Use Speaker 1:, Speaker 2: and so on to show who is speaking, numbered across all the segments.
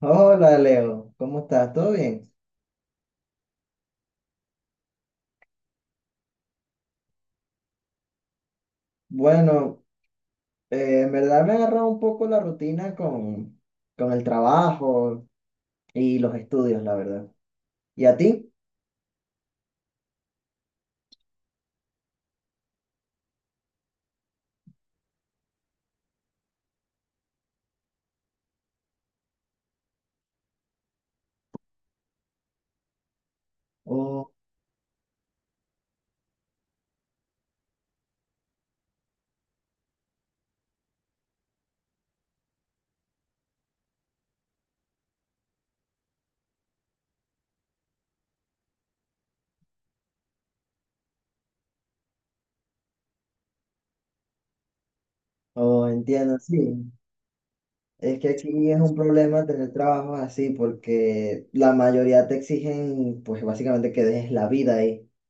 Speaker 1: Hola Leo, ¿cómo estás? ¿Todo bien? Bueno, en verdad me ha agarrado un poco la rutina con el trabajo y los estudios, la verdad. ¿Y a ti? Oh, oh, entiendo, sí. Es que aquí es un problema tener trabajos así porque la mayoría te exigen, pues básicamente que dejes la vida ahí.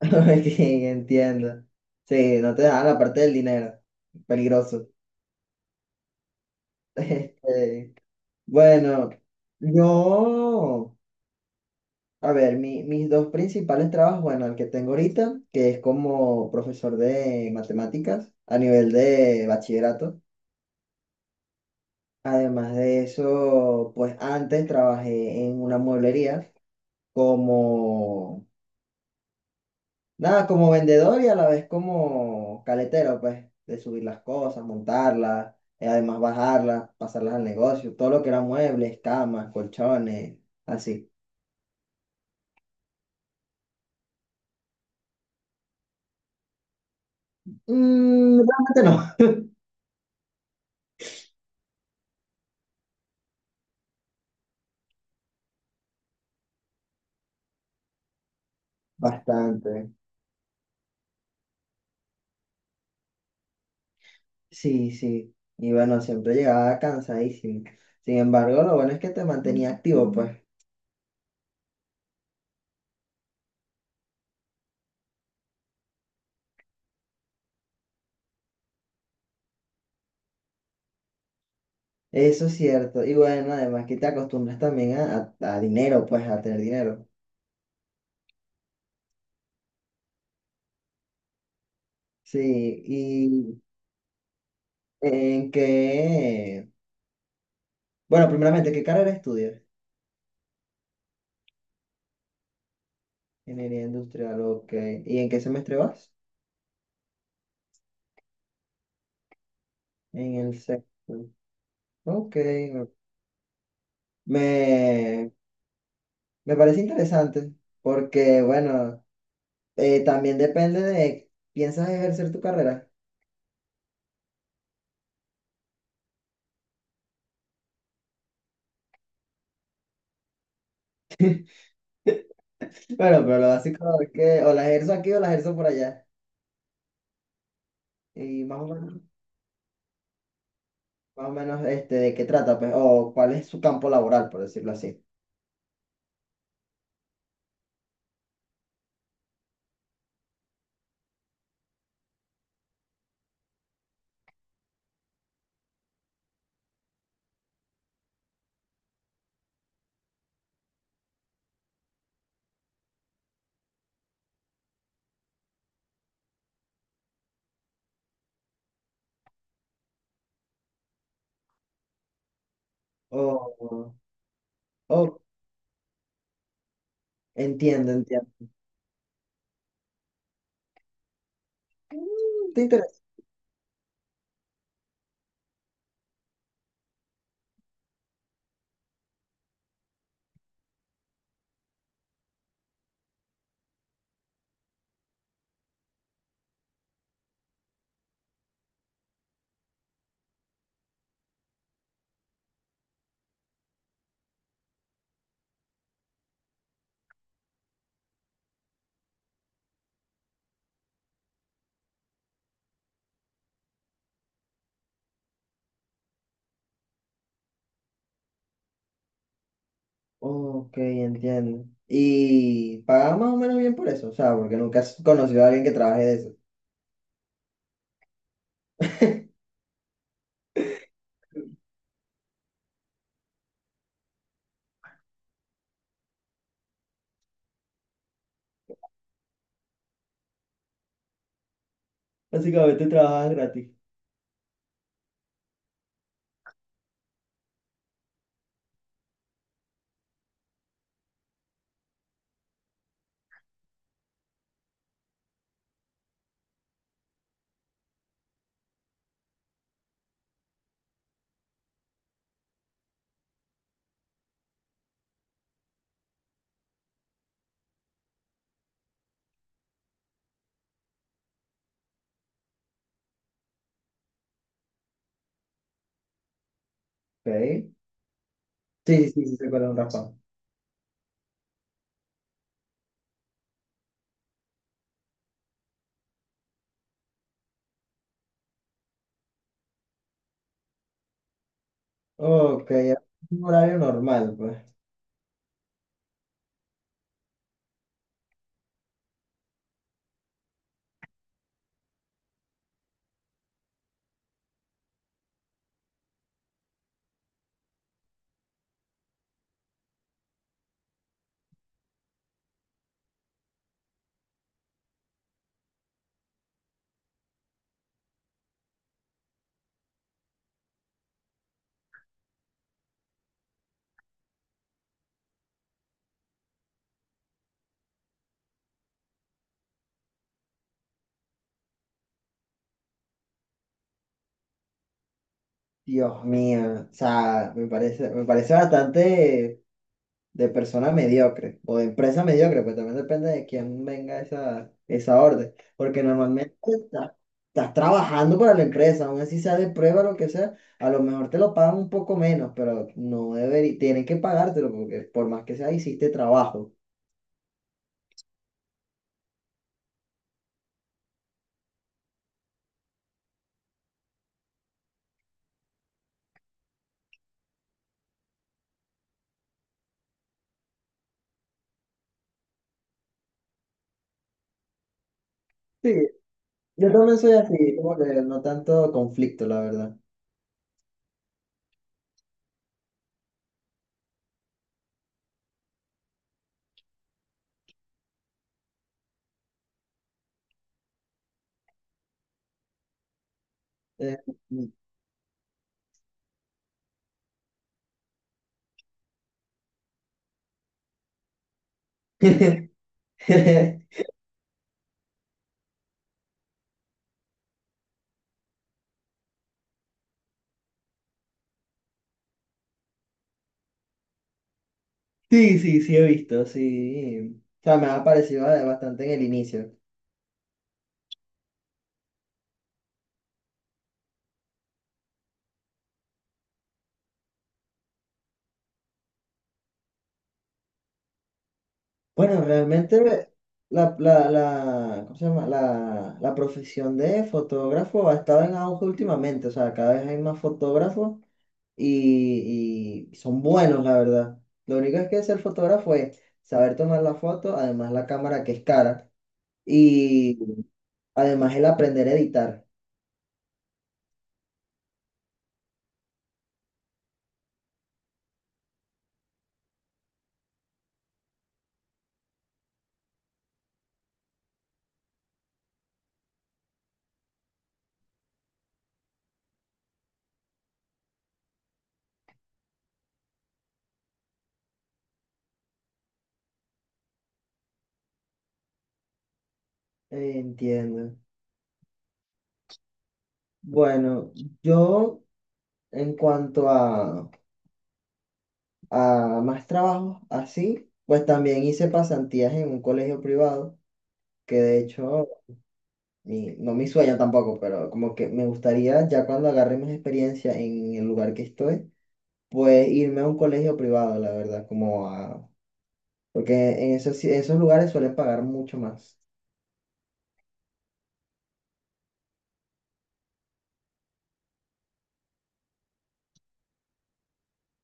Speaker 1: Ok, entiendo. Sí, no te dan la parte del dinero. Peligroso. Este, bueno, yo... A ver, mis dos principales trabajos, bueno, el que tengo ahorita, que es como profesor de matemáticas a nivel de bachillerato. Además de eso, pues antes trabajé en una mueblería como, nada, como vendedor y a la vez como caletero, pues, de subir las cosas, montarlas, y además bajarlas, pasarlas al negocio, todo lo que era muebles, camas, colchones, así. Mm, realmente no, bastante. Sí, sí. Y bueno, siempre llegaba cansadísimo. Sin embargo, lo bueno es que te mantenía activo, pues. Eso es cierto. Y bueno, además que te acostumbras también a dinero, pues, a tener dinero. Sí, y en qué... Bueno, primeramente, ¿qué carrera estudias? Ingeniería industrial, ok. ¿Y en qué semestre vas? En el sexto. Ok. Me, me parece interesante porque, bueno, también depende de... ¿Piensas ejercer tu carrera? Bueno, pero así como es que o las ejerzo aquí o las ejerzo por allá. Y más o menos este, de qué trata, pues, o cuál es su campo laboral, por decirlo así. Oh, oh, entiendo, entiendo. Mm, ¿te interesa? Ok, entiendo. Y pagas más o menos bien por eso, o sea, porque nunca has conocido a alguien que trabaje de eso. Básicamente trabajas gratis. Ok. Sí, sí, sí, se cuela un raspado. Ok, es un horario normal, pues. Dios mío, o sea, me parece bastante. De persona mediocre o de empresa mediocre, pues también depende de quién venga esa orden. Porque normalmente estás trabajando para la empresa, aún así sea de prueba, lo que sea, a lo mejor te lo pagan un poco menos, pero no debería, tienen que pagártelo porque por más que sea, hiciste trabajo. Sí, yo también soy así, como que no tanto conflicto, la verdad. Eh, sí, sí, sí he visto, sí. O sea, me ha parecido bastante en el inicio. Bueno, realmente la, ¿cómo se llama? La profesión de fotógrafo ha estado en auge últimamente, o sea, cada vez hay más fotógrafos y son buenos, la verdad. Lo único es que ser fotógrafo es saber tomar la foto, además la cámara que es cara y además el aprender a editar. Entiendo. Bueno, yo en cuanto a más trabajos así, pues también hice pasantías en un colegio privado que de hecho no mi sueño tampoco, pero como que me gustaría ya cuando agarre más experiencia en el lugar que estoy, pues irme a un colegio privado, la verdad, como a... Porque en esos, esos lugares suelen pagar mucho más.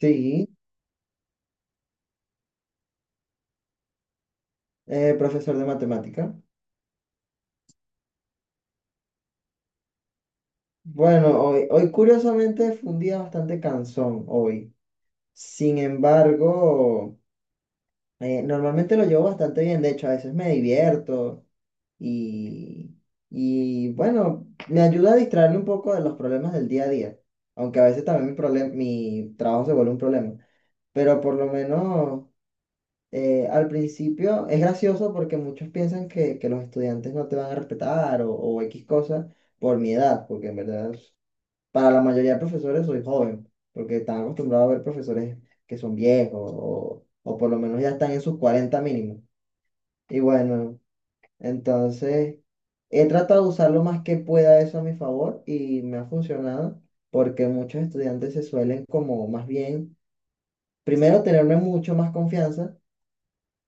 Speaker 1: Sí, profesor de matemática. Bueno, hoy, hoy curiosamente fue un día bastante cansón hoy. Sin embargo, normalmente lo llevo bastante bien. De hecho, a veces me divierto. Y, y bueno, me ayuda a distraerme un poco de los problemas del día a día, aunque a veces también mi trabajo se vuelve un problema, pero por lo menos al principio es gracioso porque muchos piensan que los estudiantes no te van a respetar o X cosas por mi edad, porque en verdad para la mayoría de profesores soy joven, porque están acostumbrados a ver profesores que son viejos o por lo menos ya están en sus 40 mínimo. Y bueno. Entonces, he tratado de usar lo más que pueda eso a mi favor y me ha funcionado porque muchos estudiantes se suelen como más bien, primero tenerme mucho más confianza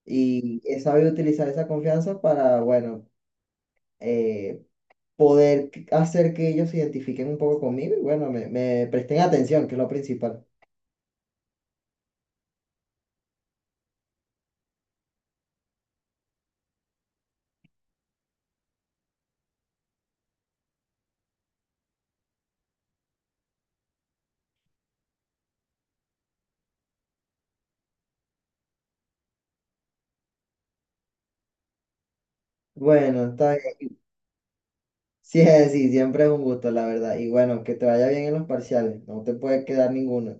Speaker 1: y he sabido utilizar esa confianza para, bueno, eh, poder hacer que ellos se identifiquen un poco conmigo y bueno, me presten atención, que es lo principal. Bueno, está bien. Sí, sí, siempre es un gusto, la verdad. Y bueno, que te vaya bien en los parciales. No te puede quedar ninguno.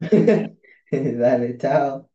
Speaker 1: Dale, chao.